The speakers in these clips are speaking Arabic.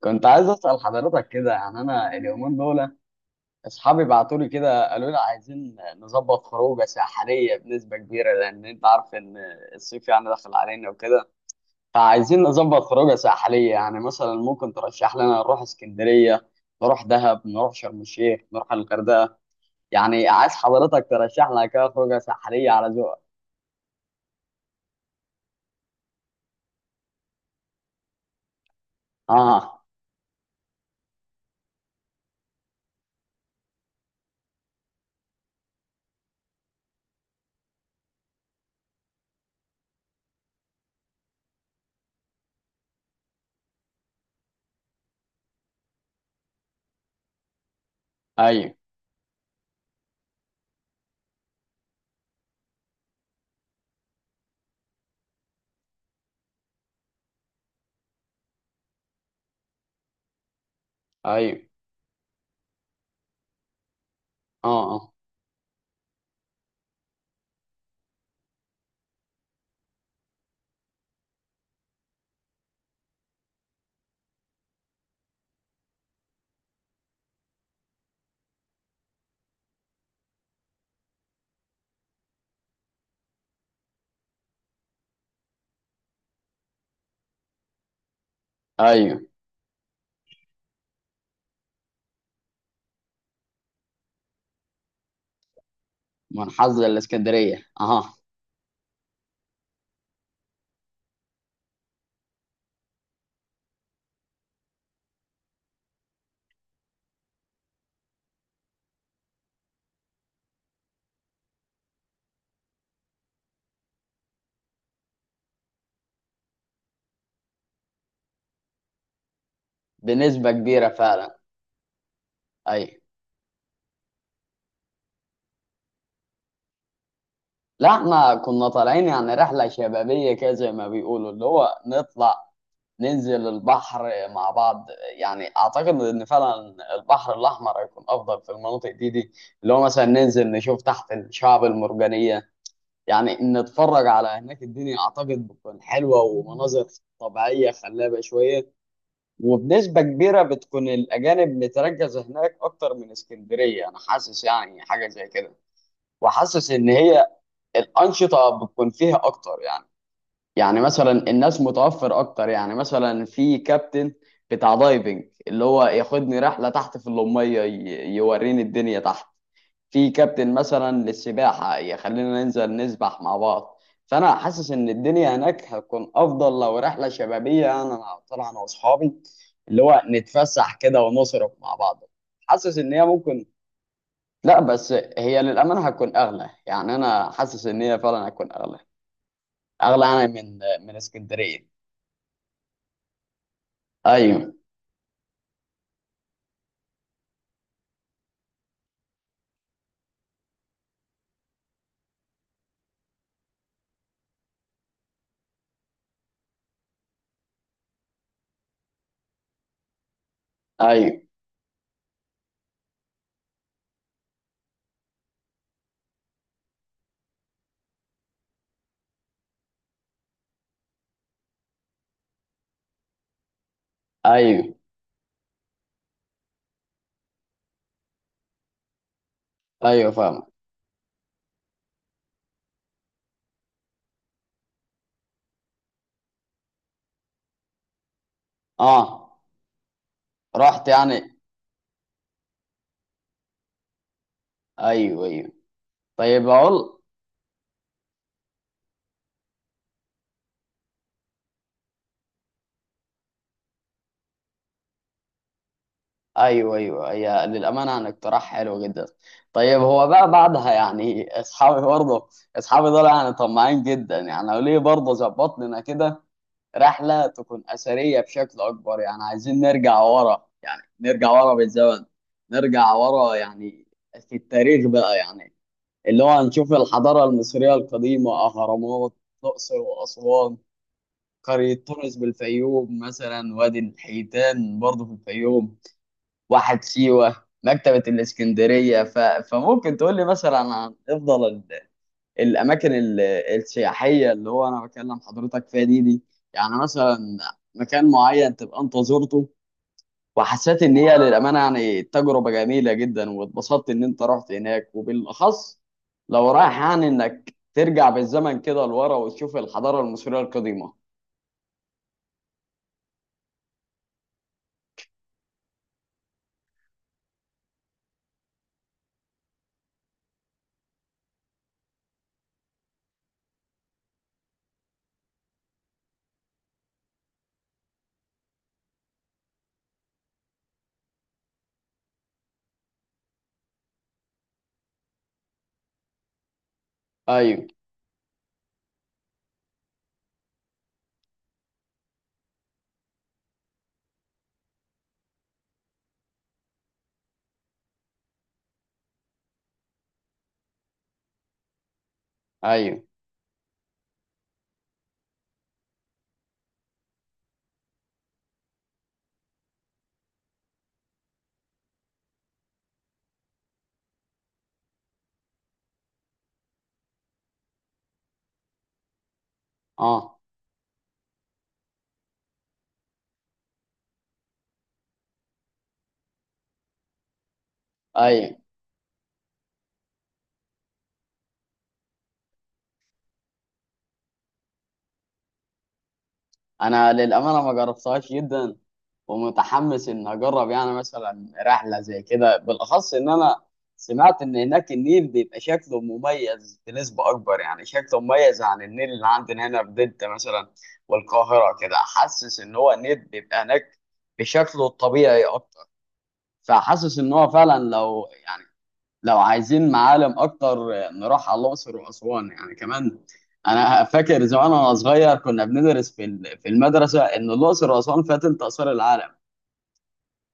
كنت عايز اسال حضرتك كده، يعني انا اليومين دول اصحابي بعتوا لي كده، قالوا لي عايزين نظبط خروجه ساحليه بنسبه كبيره، لان انت عارف ان الصيف يعني داخل علينا وكده. فعايزين نظبط خروجه ساحليه، يعني مثلا ممكن ترشح لنا نروح اسكندريه، نروح دهب، نروح شرم الشيخ، نروح الغردقه. يعني عايز حضرتك ترشح لنا كده خروجه ساحليه على ذوقك. اه. ايوه. ايوه. اه. اه. ايوه. من حظ الاسكندريه اه. بنسبه كبيره فعلا. ايوه. لا احنا كنا طالعين يعني رحلة شبابية كده زي ما بيقولوا، اللي هو نطلع ننزل البحر مع بعض. يعني اعتقد ان فعلا البحر الاحمر هيكون افضل في المناطق دي، اللي هو مثلا ننزل نشوف تحت الشعب المرجانية، يعني نتفرج على هناك. الدنيا اعتقد بتكون حلوة ومناظر طبيعية خلابة شوية. وبنسبة كبيرة بتكون الأجانب متركزة هناك أكتر من اسكندرية، أنا حاسس يعني حاجة زي كده، وحاسس إن هي الانشطه بتكون فيها اكتر يعني. يعني مثلا الناس متوفر اكتر، يعني مثلا في كابتن بتاع دايفنج اللي هو ياخدني رحله تحت في اللميه، يوريني الدنيا تحت. في كابتن مثلا للسباحه يخلينا ننزل نسبح مع بعض. فانا حاسس ان الدنيا هناك هتكون افضل لو رحله شبابيه، يعني انا طالع انا واصحابي اللي هو نتفسح كده ونصرف مع بعض. حاسس ان هي ممكن. لا بس هي للامانه هتكون اغلى، يعني انا حاسس ان هي فعلا هتكون اغلى، اغلى انا من اسكندريه. ايوه. ايوه. ايوه. ايوه فاهم. اه. رحت يعني. ايوه ايوه. طيب اقول. ايوه ايوه هي للامانه يعني اقتراح حلو جدا. طيب هو بقى بعدها يعني اصحابي برضه، اصحابي دول يعني طماعين جدا، يعني قالوا لي برضه ظبط لنا كده رحله تكون اثريه بشكل اكبر، يعني عايزين نرجع ورا، يعني نرجع ورا بالزمن، نرجع ورا يعني. في التاريخ بقى يعني. اللي هو هنشوف الحضارة المصرية القديمة، أهرامات الأقصر وأسوان، قرية تونس بالفيوم مثلا، وادي الحيتان برضه في الفيوم، واحة سيوة، مكتبة الإسكندرية. فممكن تقول لي مثلا عن أفضل الأماكن السياحية، اللي هو أنا بكلم حضرتك فيها دي. يعني مثلا مكان معين تبقى أنت زرته وحسيت ان هي للامانه يعني تجربه جميله جدا، واتبسطت ان انت رحت هناك. وبالاخص لو رايح يعني انك ترجع بالزمن كده لورا وتشوف الحضاره المصريه القديمه. ايوه. ايوه. اه. ايوه. انا للامانه ما جربتهاش جدا، ومتحمس ان اجرب يعني مثلا رحله زي كده. بالاخص ان انا سمعت ان هناك النيل بيبقى شكله مميز بنسبه اكبر، يعني شكله مميز عن النيل اللي عندنا هنا في دلتا مثلا والقاهره كده. حاسس ان هو النيل بيبقى هناك بشكله الطبيعي اكتر. فحاسس ان هو فعلا لو يعني، لو عايزين معالم اكتر نروح على الاقصر واسوان يعني كمان. انا فاكر زمان وانا صغير كنا بندرس في المدرسه ان الاقصر واسوان فيها تلت اثار العالم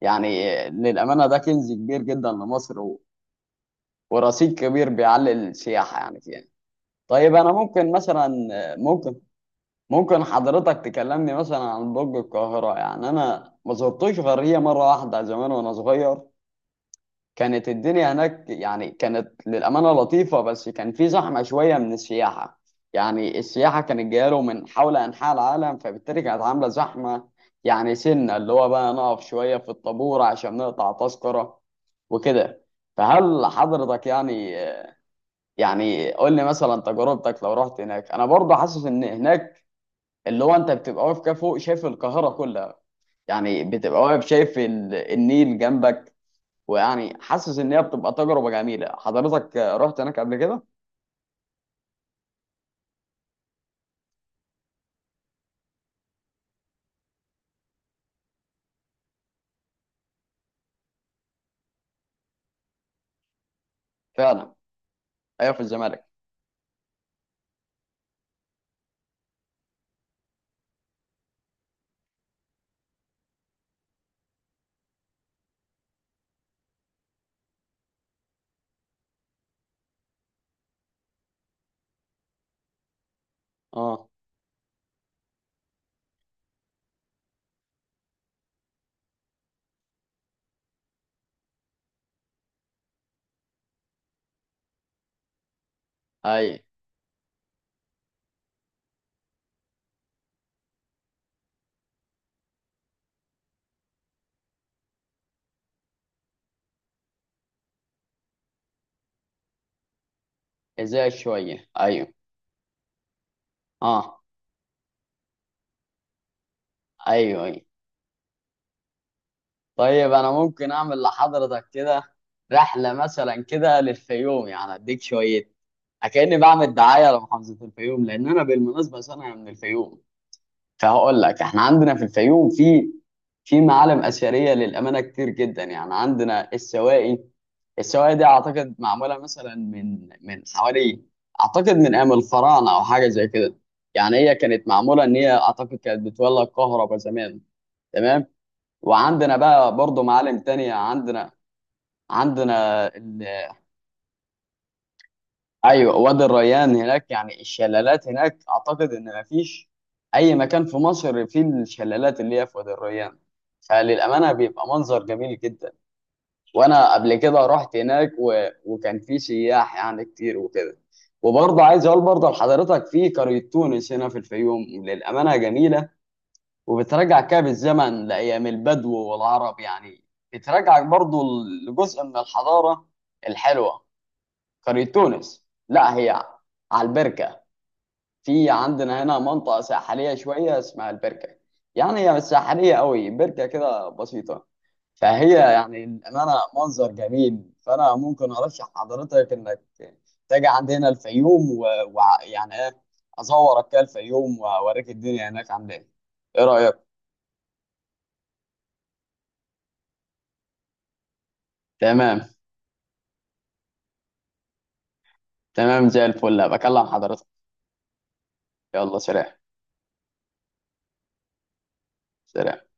يعني. للامانه ده كنز كبير جدا لمصر ورصيد كبير بيعلي السياحه يعني فيها. طيب انا ممكن مثلا ممكن ممكن حضرتك تكلمني مثلا عن برج القاهره. يعني انا ما زرتوش غير هي مره واحده زمان وانا صغير. كانت الدنيا هناك يعني كانت للأمانة لطيفة، بس كان في زحمة شوية من السياحة. يعني السياحة كانت جاية له من حول أنحاء العالم، فبالتالي كانت عاملة زحمة. يعني سنة اللي هو بقى نقف شوية في الطابور عشان نقطع تذكرة وكده. فهل حضرتك يعني، يعني قول لي مثلا تجربتك لو رحت هناك. انا برضه حاسس ان هناك اللي هو انت بتبقى واقف كده فوق شايف القاهرة كلها، يعني بتبقى واقف شايف النيل جنبك. ويعني حاسس ان هي بتبقى تجربه جميله. حضرتك رحت هناك قبل كده؟ فعلا. ايوه في الزمالك. اه. ايوه. ازاي شويه ايوه. اه. ايوه. ايوه. طيب انا ممكن اعمل لحضرتك كده رحله مثلا كده للفيوم يعني اديك شويه، كأني بعمل دعايه لمحافظه الفيوم، لان انا بالمناسبه سنه من الفيوم. فهقول لك احنا عندنا في الفيوم في معالم اثريه للامانه كتير جدا. يعني عندنا السواقي، السواقي دي اعتقد معموله مثلا من حوالي، اعتقد من ايام الفراعنه او حاجه زي كده. يعني هي كانت معموله ان هي اعتقد كانت بتولد كهرباء زمان. تمام. وعندنا بقى برضو معالم تانية عندنا. ايوه وادي الريان هناك يعني. الشلالات هناك اعتقد ان مفيش اي مكان في مصر فيه الشلالات اللي هي في وادي الريان. فللامانه بيبقى منظر جميل جدا. وانا قبل كده رحت هناك وكان في سياح يعني كتير وكده. وبرضه عايز اقول برضه لحضرتك في قريه تونس هنا في الفيوم للامانه جميله، وبترجع كده بالزمن لايام البدو والعرب يعني، بترجعك برضه لجزء من الحضاره الحلوه. قرية تونس لا هي على البركة. في عندنا هنا منطقة ساحلية شوية اسمها البركة. يعني هي مش ساحلية قوي، بركة كده بسيطة. فهي يعني الأمانة منظر جميل. فأنا ممكن أرشح حضرتك إنك تيجي عندنا الفيوم. ويعني يعني إيه، أصورك كده الفيوم وأوريك الدنيا هناك عاملة إيه. إيه رأيك؟ تمام. تمام زي الفل. بكلم حضرتك. يلا سلام. سلام.